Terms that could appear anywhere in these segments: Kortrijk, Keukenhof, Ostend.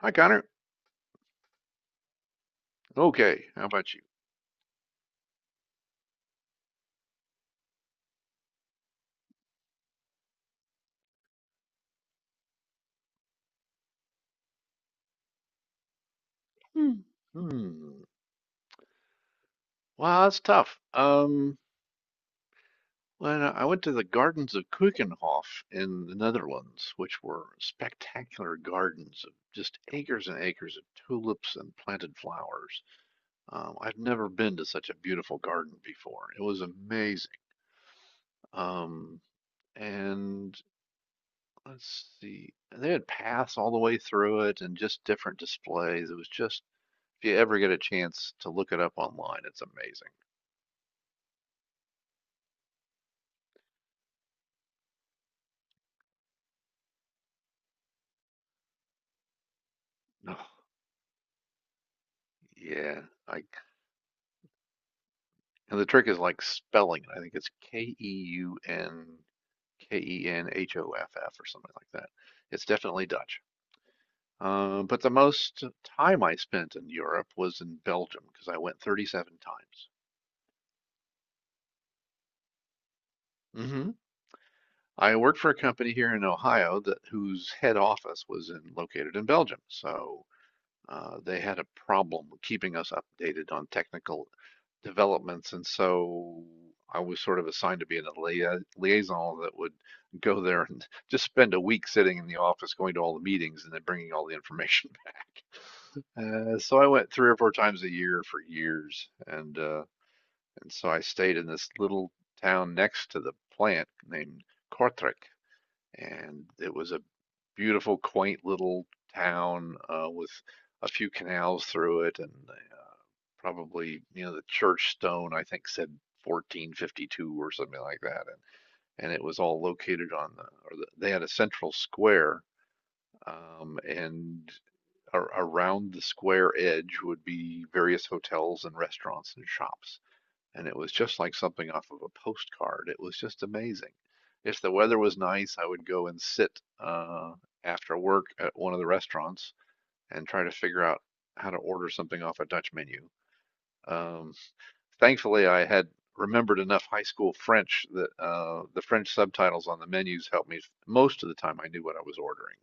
Hi, Connor. Okay, how about you? Hmm. Hmm. Wow, that's tough. When I went to the gardens of Keukenhof in the Netherlands, which were spectacular gardens of just acres and acres of tulips and planted flowers. I've never been to such a beautiful garden before. It was amazing. Um, and let's see, they had paths all the way through it and just different displays. It was just, if you ever get a chance to look it up online, it's amazing. Oh, yeah. Like, and the trick is like spelling it. I think it's Keunkenhoff or something like that. It's definitely Dutch. But the most time I spent in Europe was in Belgium because I went 37 times. hmm I worked for a company here in Ohio that whose head office was in located in Belgium. So they had a problem keeping us updated on technical developments, and so I was sort of assigned to be in a liaison that would go there and just spend a week sitting in the office, going to all the meetings, and then bringing all the information back. So I went 3 or 4 times a year for years, and so I stayed in this little town next to the plant named Kortrijk, and it was a beautiful, quaint little town with a few canals through it, and probably you know the church stone I think said 1452 or something like that, and it was all located on the or the, They had a central square, and a around the square edge would be various hotels and restaurants and shops, and it was just like something off of a postcard. It was just amazing. If the weather was nice, I would go and sit uh, after work at one of the restaurants and try to figure out how to order something off a Dutch menu. Um, Thankfully, I had remembered enough high school French that the French subtitles on the menus helped me. Most of the time, I knew what I was ordering.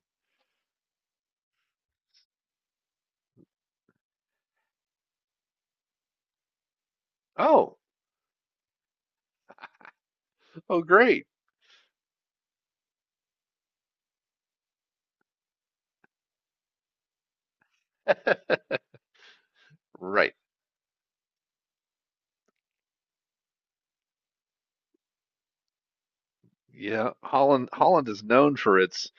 Oh, oh, great. Right. Yeah, Holland is known for its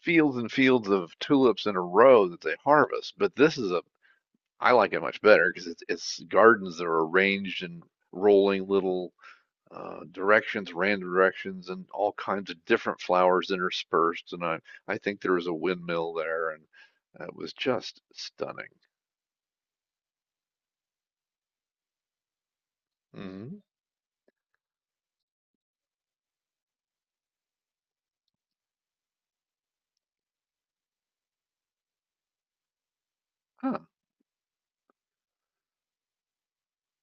fields and fields of tulips in a row that they harvest. But this is a I like it much better because it's gardens that are arranged in rolling little directions, random directions, and all kinds of different flowers interspersed. And I think there was a windmill there, and it was just stunning. Hmm. Huh.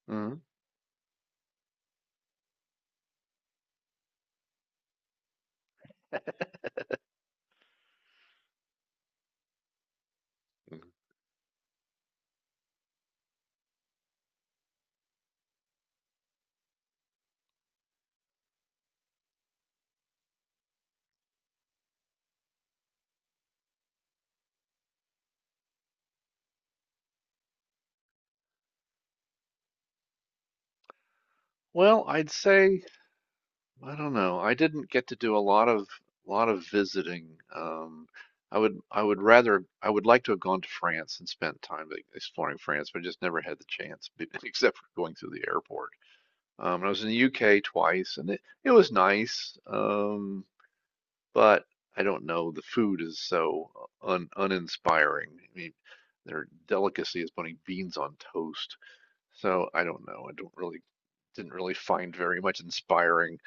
Hmm. Well, I'd say. I don't know. I didn't get to do a lot of visiting. I would like to have gone to France and spent time like, exploring France, but I just never had the chance, except for going through the airport. And I was in the UK twice, and it was nice. But I don't know. The food is so un uninspiring. I mean, their delicacy is putting beans on toast. So I don't know. I don't really didn't really find very much inspiring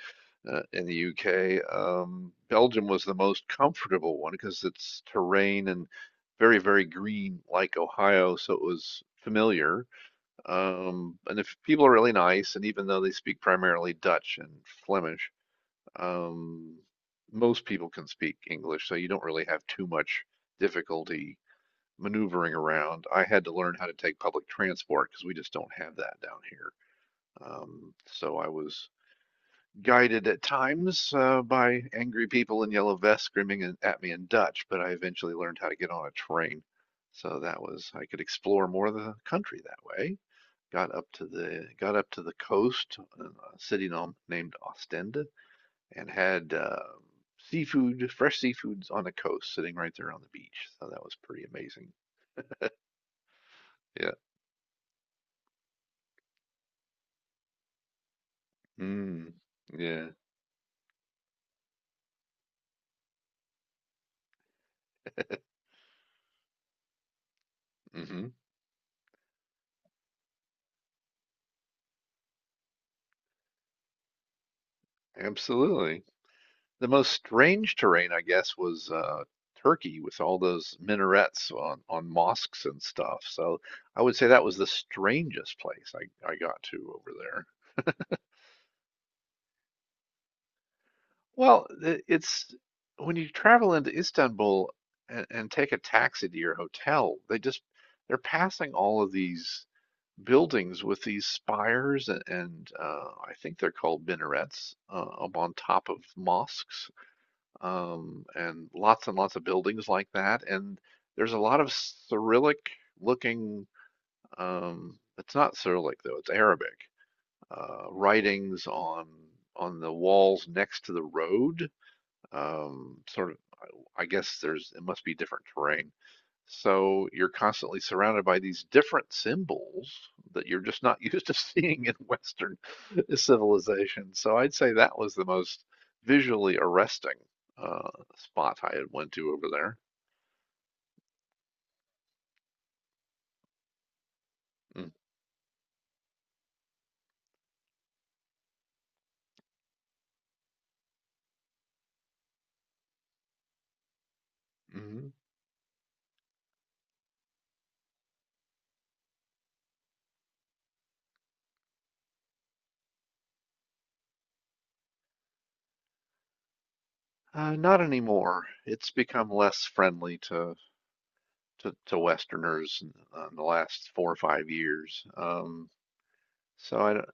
in the UK. Belgium was the most comfortable one because it's terrain and very, very green like Ohio, so it was familiar. And if people are really nice, and even though they speak primarily Dutch and Flemish, um, most people can speak English, so you don't really have too much difficulty maneuvering around. I had to learn how to take public transport because we just don't have that down here. So I was guided at times by angry people in yellow vests screaming at me in Dutch, but I eventually learned how to get on a train. So that was I could explore more of the country that way. Got up to the coast, a city named Ostend, and had seafood, fresh seafoods on the coast, sitting right there on the beach. So that was pretty amazing. Yeah. Mm. Yeah. Hmm. Absolutely. The most strange terrain, I guess, was Turkey with all those minarets on mosques and stuff. So I would say that was the strangest place I got to over there. Well, it's when you travel into Istanbul and take a taxi to your hotel, they're passing all of these buildings with these spires, and I think they're called minarets up on top of mosques. And lots and lots of buildings like that. And there's a lot of Cyrillic looking, it's not Cyrillic though, it's Arabic writings on the walls next to the road. Sort of, I guess there's it must be different terrain, so you're constantly surrounded by these different symbols that you're just not used to seeing in Western civilization. So I'd say that was the most visually arresting uh, spot I had went to over there. Mm. Mhm. Not anymore. It's become less friendly to Westerners , in the last 4 or 5 years. So I don't,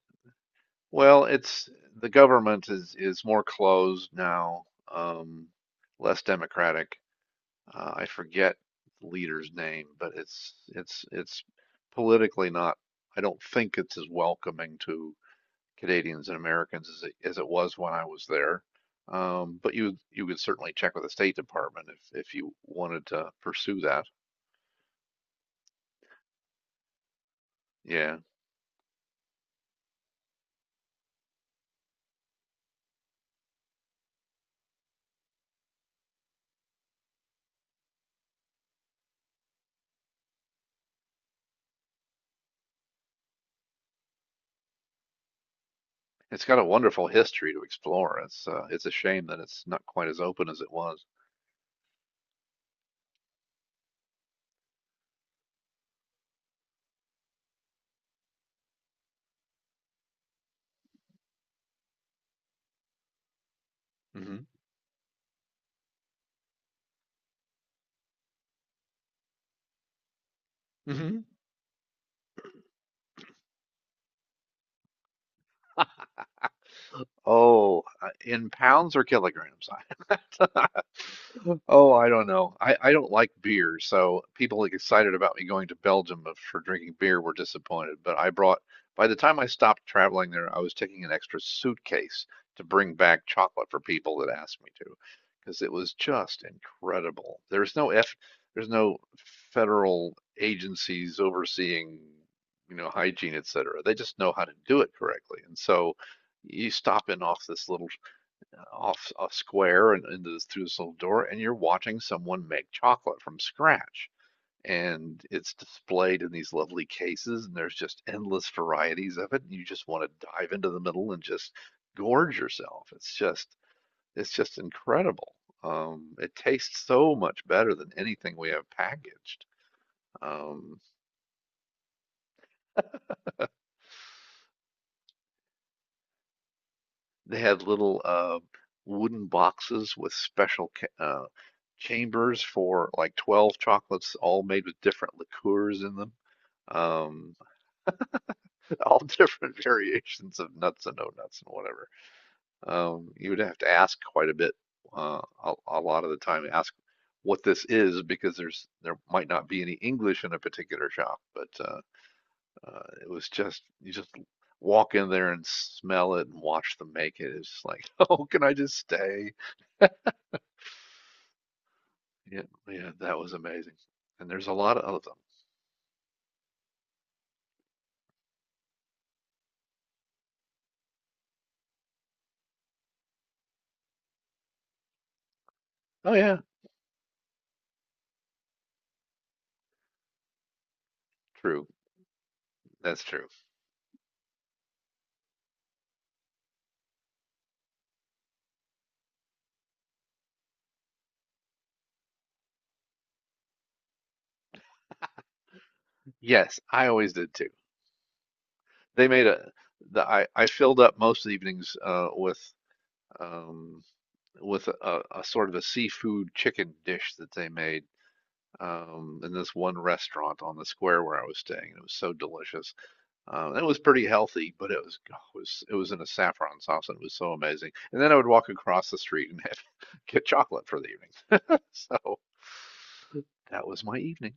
well, it's the government is more closed now, um, less democratic, I forget the leader's name, but it's politically not. I don't think it's as welcoming to Canadians and Americans as as it was when I was there. But you could certainly check with the State Department if you wanted to pursue that. Yeah, it's got a wonderful history to explore. It's a shame that it's not quite as open as it was. hmm hmm Oh, in pounds or kilograms? Oh, I don't know. I don't like beer, so people like excited about me going to Belgium for drinking beer were disappointed. But I brought, by the time I stopped traveling there, I was taking an extra suitcase to bring back chocolate for people that asked me to, because it was just incredible. There's no federal agencies overseeing, you know, hygiene, et cetera. They just know how to do it correctly. And so you stop in off this little off a square and into through this little door, and you're watching someone make chocolate from scratch. And it's displayed in these lovely cases, and there's just endless varieties of it. And you just want to dive into the middle and just gorge yourself. It's just incredible. It tastes so much better than anything we have packaged. Um, They had little wooden boxes with special uh, chambers for like 12 chocolates, all made with different liqueurs in them. Um, all different variations of nuts and no nuts and whatever. You would have to ask quite a bit, a lot of the time, ask what this is because there might not be any English in a particular shop, but it was just you just walk in there and smell it and watch them make it. It's like, oh, can I just stay? Yeah, yeah, that was amazing. And there's a lot of them. Oh yeah, true. That's true. Yes, I always did too. They made a the I filled up most evenings um with a sort of a seafood chicken dish that they made in this one restaurant on the square where I was staying. It was so delicious. It was pretty healthy, but it was oh, it was in a saffron sauce and it was so amazing. And then I would walk across the street and get chocolate for the evening. So that was my evening.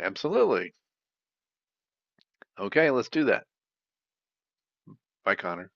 Absolutely. Okay, let's do that. Bye, Connor.